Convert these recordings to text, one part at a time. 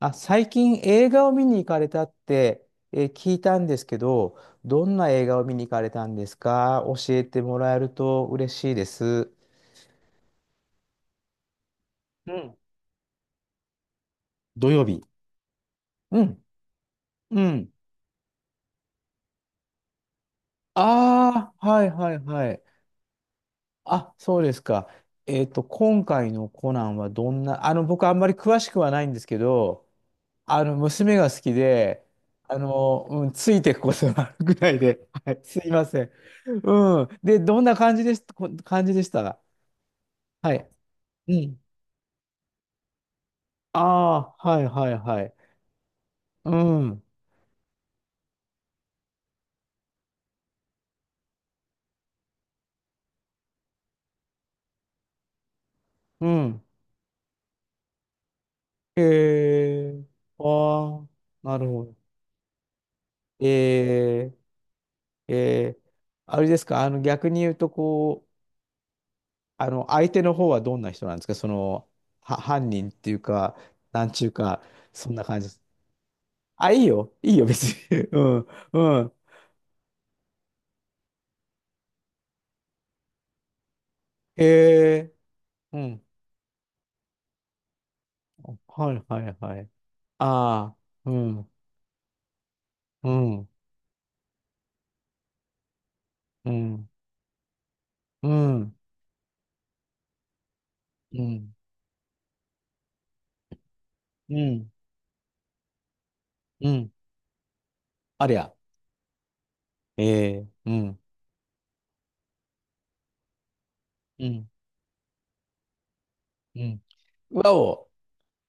あ、最近映画を見に行かれたって、聞いたんですけど、どんな映画を見に行かれたんですか？教えてもらえると嬉しいです。うん。土曜日。うん、うん。ああ、はいはいはい。あ、そうですか。今回のコナンはどんな、僕あんまり詳しくはないんですけど、娘が好きで、うん、ついていくことがあるぐらいで、はい、すいません。うん。で、どんな感じでした？はい。うん。ああ、はいはいはい。うん。うん。へえ。ああ、なるほど。えー、えー、あれですか、逆に言うと、こう、あの相手の方はどんな人なんですか、犯人っていうか、なんちゅうか、そんな感じです。あ、いいよ、いいよ、別に。うん、うん。へえ、うん。はいはいはい。ああ、うん、うん、うん、うん、うん、うん。うん。ありゃ。ええ、うん。うん。うん。うわお。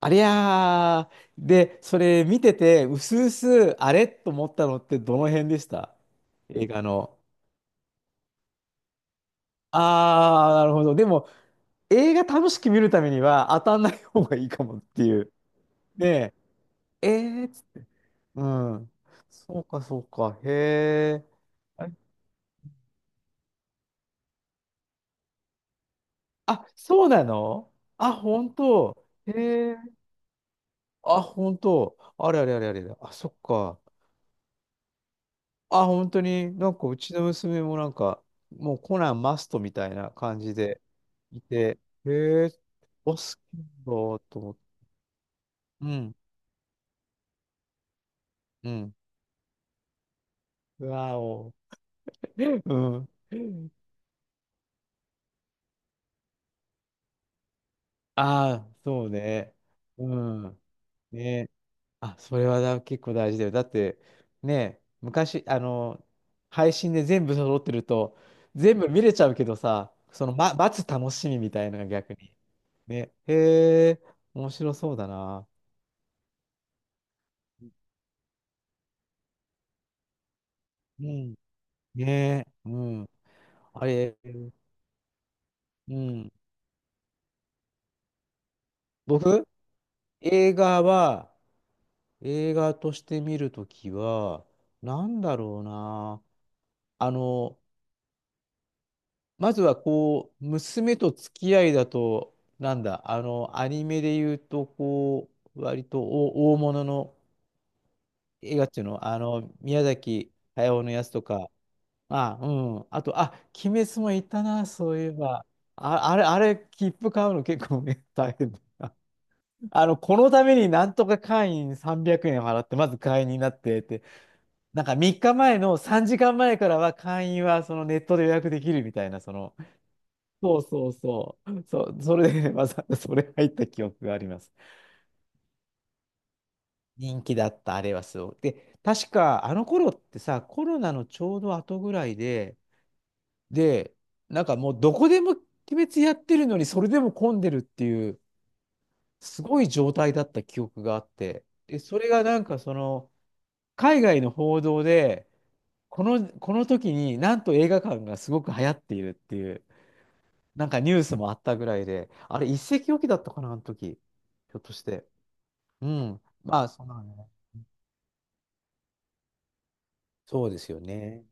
ありゃー。で、それ見てて、うすうす、あれと思ったのってどの辺でした？映画の。あー、なるほど。でも、映画楽しく見るためには当たんない方がいいかもっていう。で、えーっつって。うん。そうか、そうか。へえ。あ、あ、そうなの？あ、本当。へえ。あ、本当。あれあれあれあれ。あ、そっか。あ、本当に、なんかうちの娘もなんか、もうコナンマストみたいな感じでいて、へえ、お好きなんだと思って。うん、うん。わお。うん。ああ、そうね。うん。ね。あ、それは結構大事だよ。だって、ね、昔、配信で全部揃ってると、全部見れちゃうけどさ、待つ楽しみみたいなのが逆に。ね。へえ、面白そうだな。うん。ねえ。うん。あれ、うん。僕、映画は、映画として見るときは、なんだろうな。あの、まずはこう、娘と付き合いだと、なんだ、アニメで言うと、こう、割と大物の映画っていうの、宮崎駿のやつとか、まあ、うん。あと、あ、鬼滅もいたな、そういえば。あ、あれ、切符買うの結構ね、大変だ。このためになんとか会員300円払って、まず会員になってって、なんか3日前の3時間前からは会員はそのネットで予約できるみたいな、そうそうそう、そう、それでわざわざ それ入った記憶があります。人気だった、あれはすごい。で、確かあの頃ってさ、コロナのちょうど後ぐらいで、なんかもうどこでも鬼滅やってるのに、それでも混んでるっていう、すごい状態だった記憶があって、で、それがなんか海外の報道で、この時になんと映画館がすごく流行っているっていう、なんかニュースもあったぐらいで、あれ一石置きだったかな、あの時。ひょっとして。うん。まあ、そんなのね。そうですよね。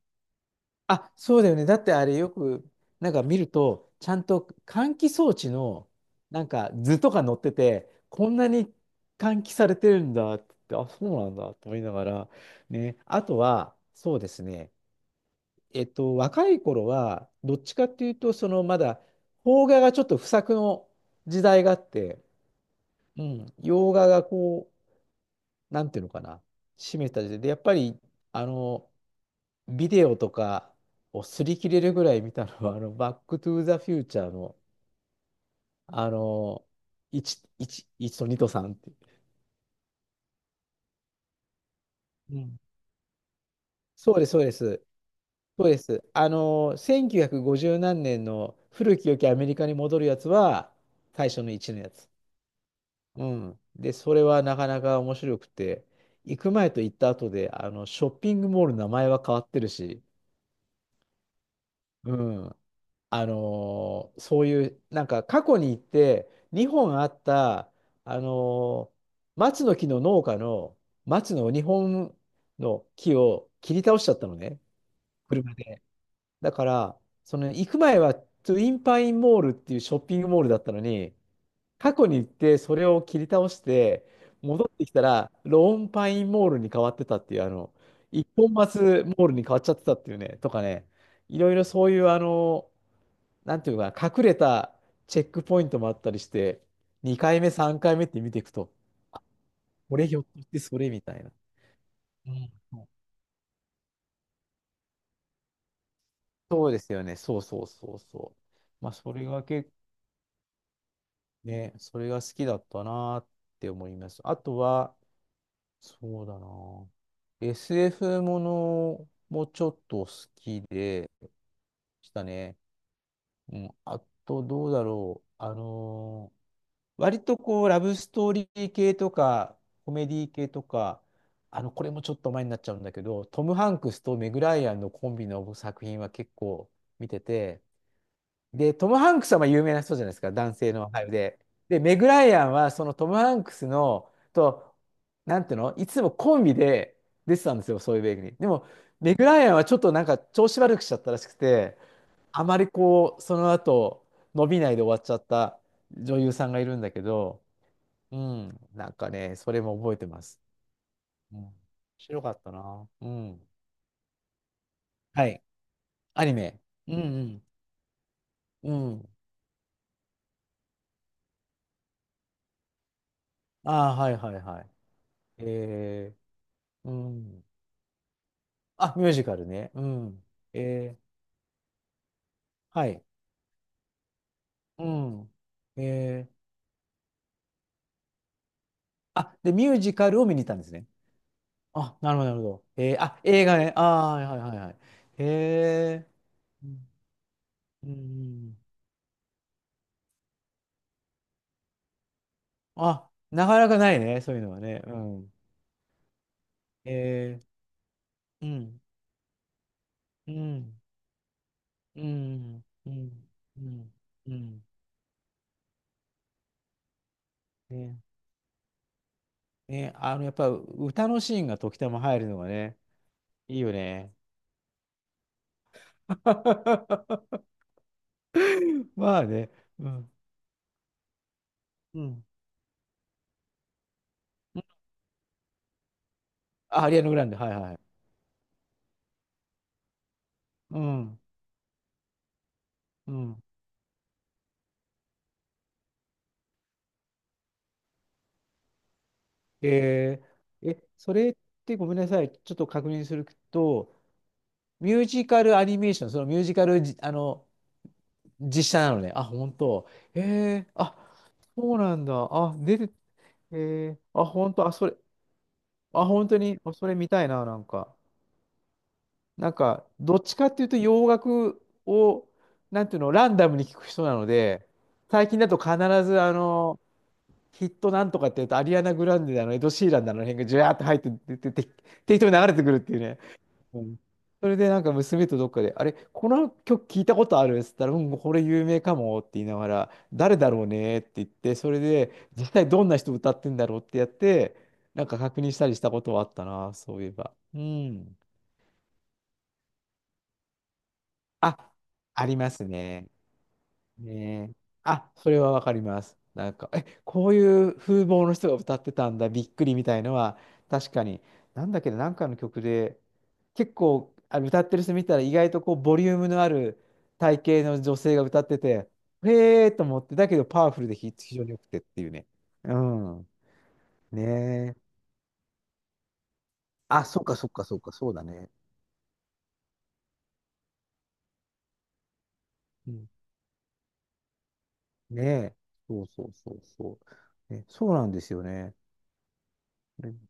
あ、そうだよね。だってあれよく、なんか見ると、ちゃんと換気装置の、なんか図とか載ってて、こんなに換気されてるんだって、あ、そうなんだと思いながら、ね。あとは、そうですね。若い頃は、どっちかっていうと、まだ、邦画がちょっと不作の時代があって、うん、洋画がこう、なんていうのかな、占めた時代で、やっぱり、あの、ビデオとかを擦り切れるぐらい見たのは、バックトゥーザフューチャーの、あの、1と2と3っていう。うん。そうです、そうです。そうです。1950何年の古き良きアメリカに戻るやつは、最初の1のやつ。うん。で、それはなかなか面白くて、行く前と行った後で、ショッピングモールの名前は変わってるし、うん。そういう、なんか過去に行って、日本あった、あのー松の木の農家の松の日本の木を切り倒しちゃったのね、車で。だから、その行く前はトゥインパインモールっていうショッピングモールだったのに、過去に行ってそれを切り倒して戻ってきたらローンパインモールに変わってたっていう、あの一本松モールに変わっちゃってたっていうね、とかね、いろいろそういう、なんていうか、隠れたチェックポイントもあったりして、2回目3回目って見ていくと、これひょっとしてそれみたいな、うん、そうですよね。そうそうそうそう。まあそれが結構ね、それが好きだったなって思います。あとは、そうだな。SF ものもちょっと好きでしたね。うん、あと、どうだろう。割とこう、ラブストーリー系とか、コメディ系とか、これもちょっと前になっちゃうんだけど、トム・ハンクスとメグ・ライアンのコンビの作品は結構見てて、で、トム・ハンクスはまあ有名な人じゃないですか、男性の俳優で。で、メグ・ライアンはそのトム・ハンクスのと、なんていうの、いつもコンビで出てたんですよ、そういう映画に。でも、メグ・ライアンはちょっとなんか調子悪くしちゃったらしくて、あまりこう、その後、伸びないで終わっちゃった女優さんがいるんだけど、うん、なんかね、それも覚えてます。うん、面白かったな。うん。はい。アニメ。うん、うん。うん。ああ、はいはいはい。えー、うん。あ、ミュージカルね。うん。えー、はい。うん。えー、あ、で、ミュージカルを見に行ったんですね。あ、なるほど、なるほど。えー、あ、映画ね。あー、はいはいはいはい。へえ、うん。うん、うん。あ、なかなかないね、そういうのはね。うん。えー、うん、うん、うん、うん、うん、うん。ね、ね、やっぱ歌のシーンが時たま入るのがね、いいよね。まあね。うん。うん。あ、アリアナ・グランデ、はいはい。うん、うん。ええ、それってごめんなさい、ちょっと確認すると、ミュージカルアニメーション、そのミュージカルじ、あの、実写なのね。あ、本当。えー、あ、そうなんだ。あ、出て、えー、あ、本当、あ、それ、あ、本当に、あ、それ見たいな、なんか。なんか、どっちかっていうと洋楽を、なんていうの、ランダムに聞く人なので、最近だと必ず、ヒットなんとかって言うと、アリアナ・グランデだの、エド・シーランだの、あの辺がジュワーって入って出て、て適当に流れてくるっていうね。うん。それでなんか娘とどっかで、あれ、この曲聞いたことあるっつったら、うん、これ有名かもって言いながら、誰だろうねって言って、それで実際どんな人歌ってんだろうってやって、なんか確認したりしたことはあったな、そういえば。うん。あ、ありますね。ねえ。あ、それはわかります。なんか、え、こういう風貌の人が歌ってたんだ、びっくりみたいのは、確かに、なんだっけど、なんかの曲で、結構、あ、歌ってる人見たら、意外とこう、ボリュームのある体型の女性が歌ってて、へーと思って、だけどパワフルで非常に良くてっていうね。うん。ねえ。あ、そっかそっかそっか、そうだね。うん、ねえ。そうそうそうそう。ね、そうなんですよね。